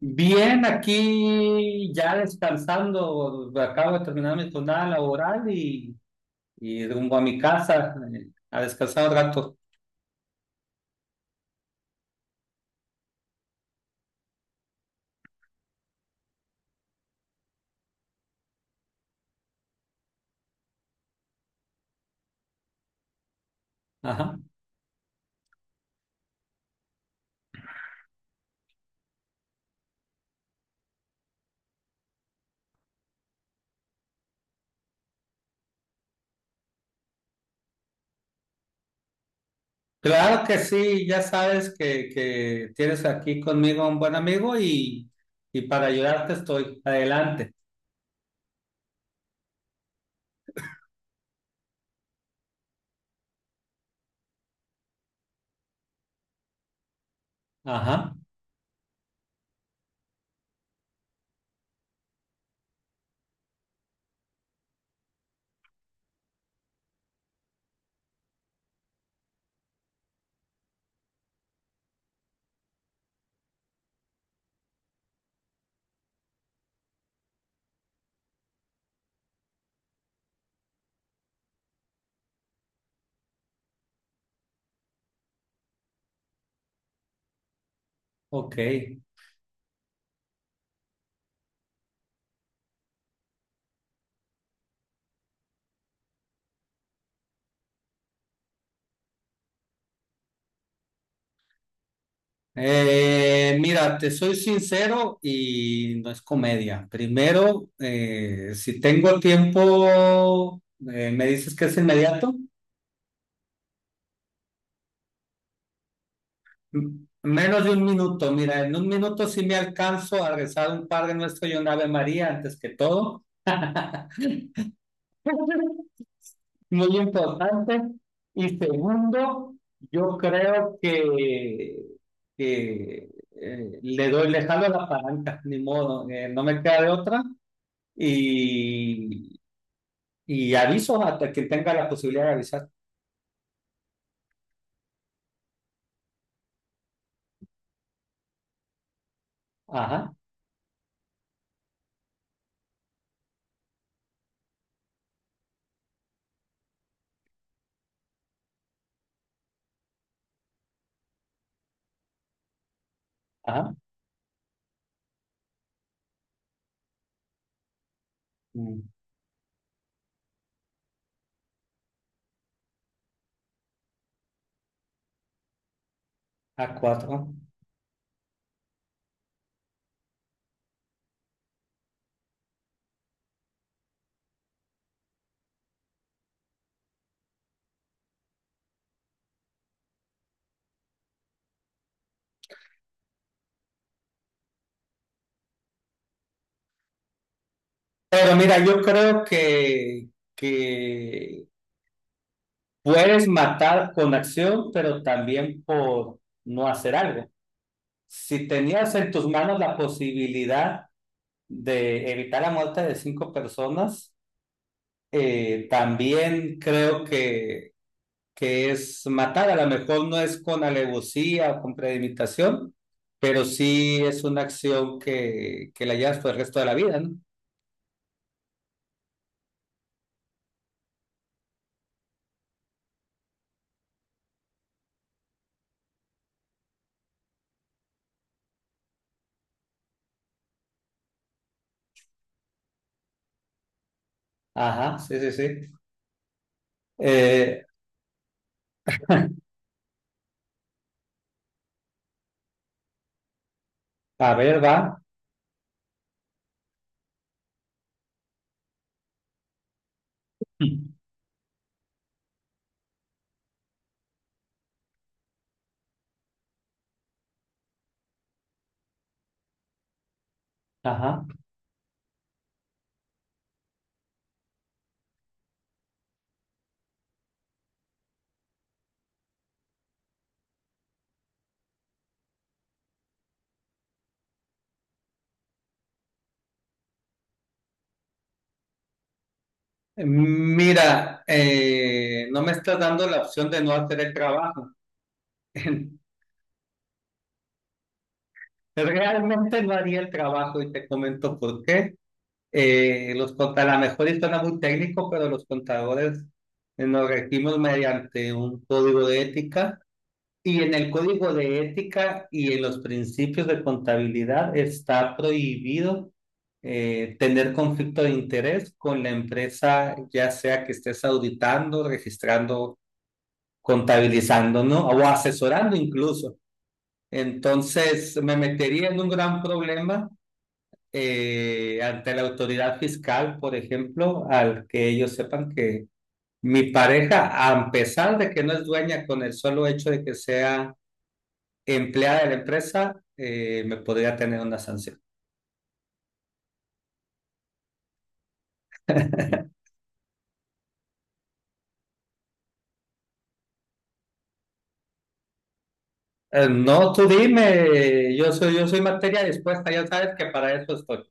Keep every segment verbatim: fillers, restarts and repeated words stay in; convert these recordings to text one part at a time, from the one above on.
Bien, aquí ya descansando, acabo de terminar mi jornada laboral y, y rumbo a mi casa eh, a descansar un rato. Ajá. Claro que sí, ya sabes que, que tienes aquí conmigo a un buen amigo y, y para ayudarte estoy. Adelante. Ajá, ok. Eh, mira, te soy sincero y no es comedia. Primero, eh, si tengo tiempo, eh, ¿me dices que es inmediato? M- Menos de un minuto, mira, en un minuto sí me alcanzo a rezar un Padre Nuestro y un Ave María antes que todo. Muy importante. Y segundo, yo creo que, que, eh, le doy, le jalo la palanca, ni modo, eh, no me queda de otra. Y, y aviso a quien tenga la posibilidad de avisar. Ajá, ajá, mm, a cuatro. Pero mira, yo creo que, que puedes matar con acción, pero también por no hacer algo. Si tenías en tus manos la posibilidad de evitar la muerte de cinco personas, eh, también creo que, que es matar. A lo mejor no es con alevosía o con premeditación, pero sí es una acción que, que la llevas por el resto de la vida, ¿no? Ajá, sí, sí, sí. Eh, a ver, va. Ajá. Mira, eh, no me está dando la opción de no hacer el trabajo. Realmente no haría el trabajo y te comento por qué. Eh, los cont- a lo mejor y suena muy técnico, pero los contadores eh, nos regimos mediante un código de ética, y en el código de ética y en los principios de contabilidad está prohibido eh, tener conflicto de interés con la empresa, ya sea que estés auditando, registrando, contabilizándonos o asesorando incluso. Entonces me metería en un gran problema eh, ante la autoridad fiscal, por ejemplo, al que ellos sepan que mi pareja, a pesar de que no es dueña, con el solo hecho de que sea empleada de la empresa, eh, me podría tener una sanción. Eh, no, tú dime, yo soy, yo soy materia dispuesta, ya sabes que para eso estoy.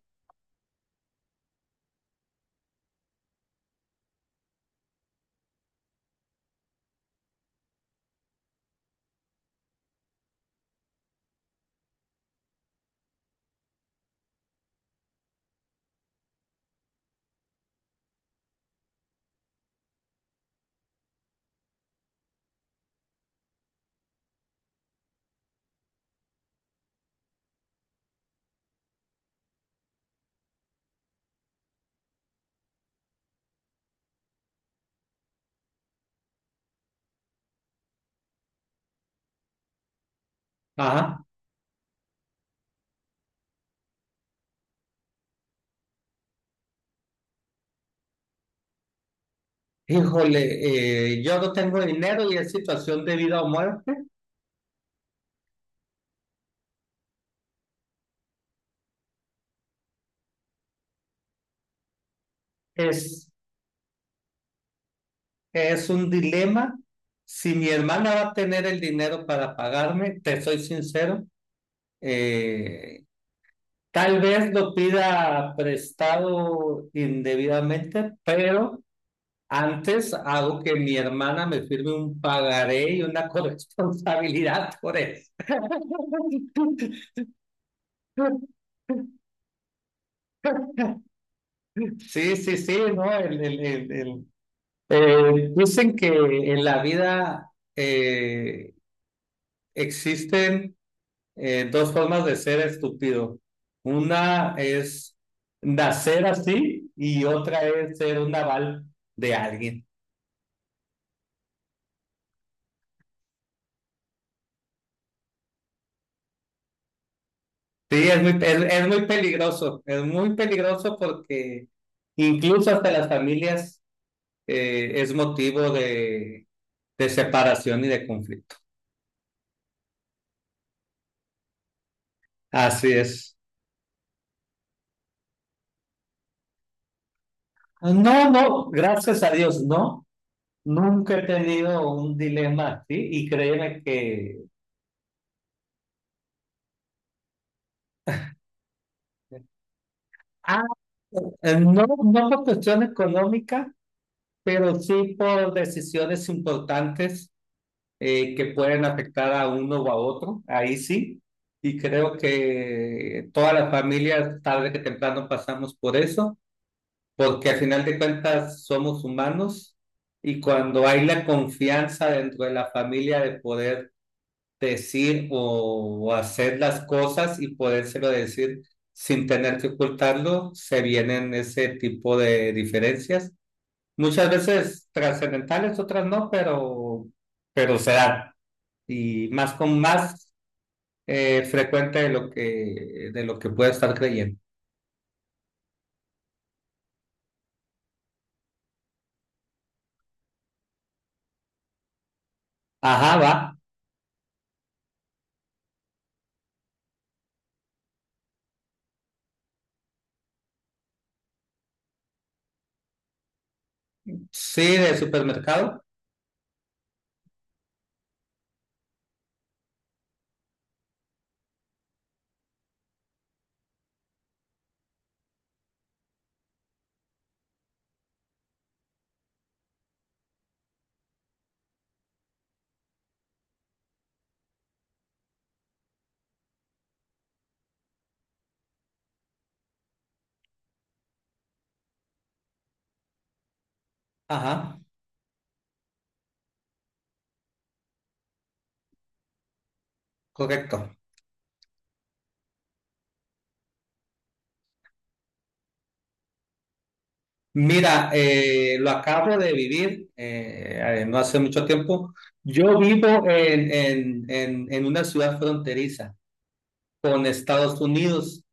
Ajá. Híjole, eh, yo no tengo dinero y es situación de vida o muerte. Es, es un dilema. Si mi hermana va a tener el dinero para pagarme, te soy sincero, eh, tal vez lo pida prestado indebidamente, pero antes hago que mi hermana me firme un pagaré y una corresponsabilidad por eso. Sí, sí, sí, ¿no? El, el- el- el- eh, dicen que en la vida eh, existen eh, dos formas de ser estúpido. Una es nacer así y otra es ser un naval de alguien. Sí, es muy, es, es muy peligroso, es muy peligroso porque incluso hasta las familias eh, es motivo de, de separación y de conflicto. Así es. No, no, gracias a Dios, no. Nunca he tenido un dilema así y créeme que... Ah, no, no por cuestión económica, pero sí por decisiones importantes eh, que pueden afectar a uno o a otro, ahí sí. Y creo que todas las familias tarde que temprano pasamos por eso, porque al final de cuentas somos humanos, y cuando hay la confianza dentro de la familia de poder decir o, o hacer las cosas y podérselo decir sin tener que ocultarlo, se vienen ese tipo de diferencias. Muchas veces trascendentales, otras no, pero, pero se dan. Y más, con más eh, frecuente de lo que, de lo que puede estar creyendo. Ajá, va. Sí, de supermercado. Ajá, correcto. Mira, eh, lo acabo de vivir eh, eh, no hace mucho tiempo. Yo vivo en, en, en, en una ciudad fronteriza con Estados Unidos.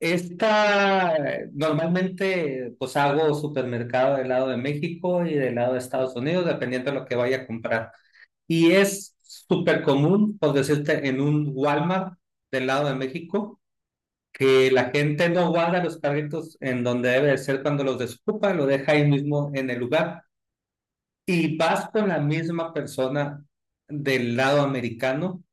Esta, normalmente, pues hago supermercado del lado de México y del lado de Estados Unidos, dependiendo de lo que vaya a comprar. Y es súper común, por decirte, en un Walmart del lado de México, que la gente no guarda los carritos en donde debe de ser cuando los desocupa, lo deja ahí mismo en el lugar. Y vas con la misma persona del lado americano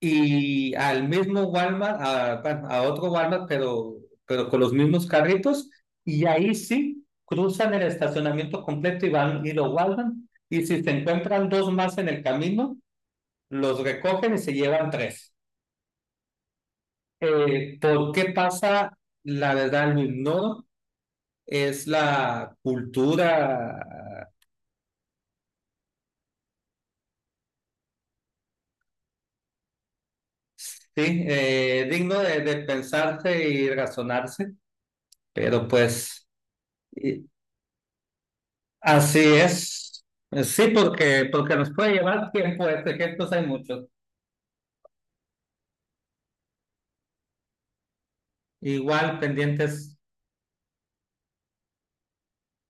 y al mismo Walmart, a, bueno, a otro Walmart, pero, pero con los mismos carritos, y ahí sí cruzan el estacionamiento completo y van y lo guardan, y si se encuentran dos más en el camino, los recogen y se llevan tres. Eh, ¿por qué pasa? La verdad lo ignoro, es la cultura, sí, eh, digno de, de pensarse y razonarse, pero pues... eh, Así es. Eh, Sí, porque, porque nos puede llevar tiempo, este, ejemplos hay muchos. Igual pendientes.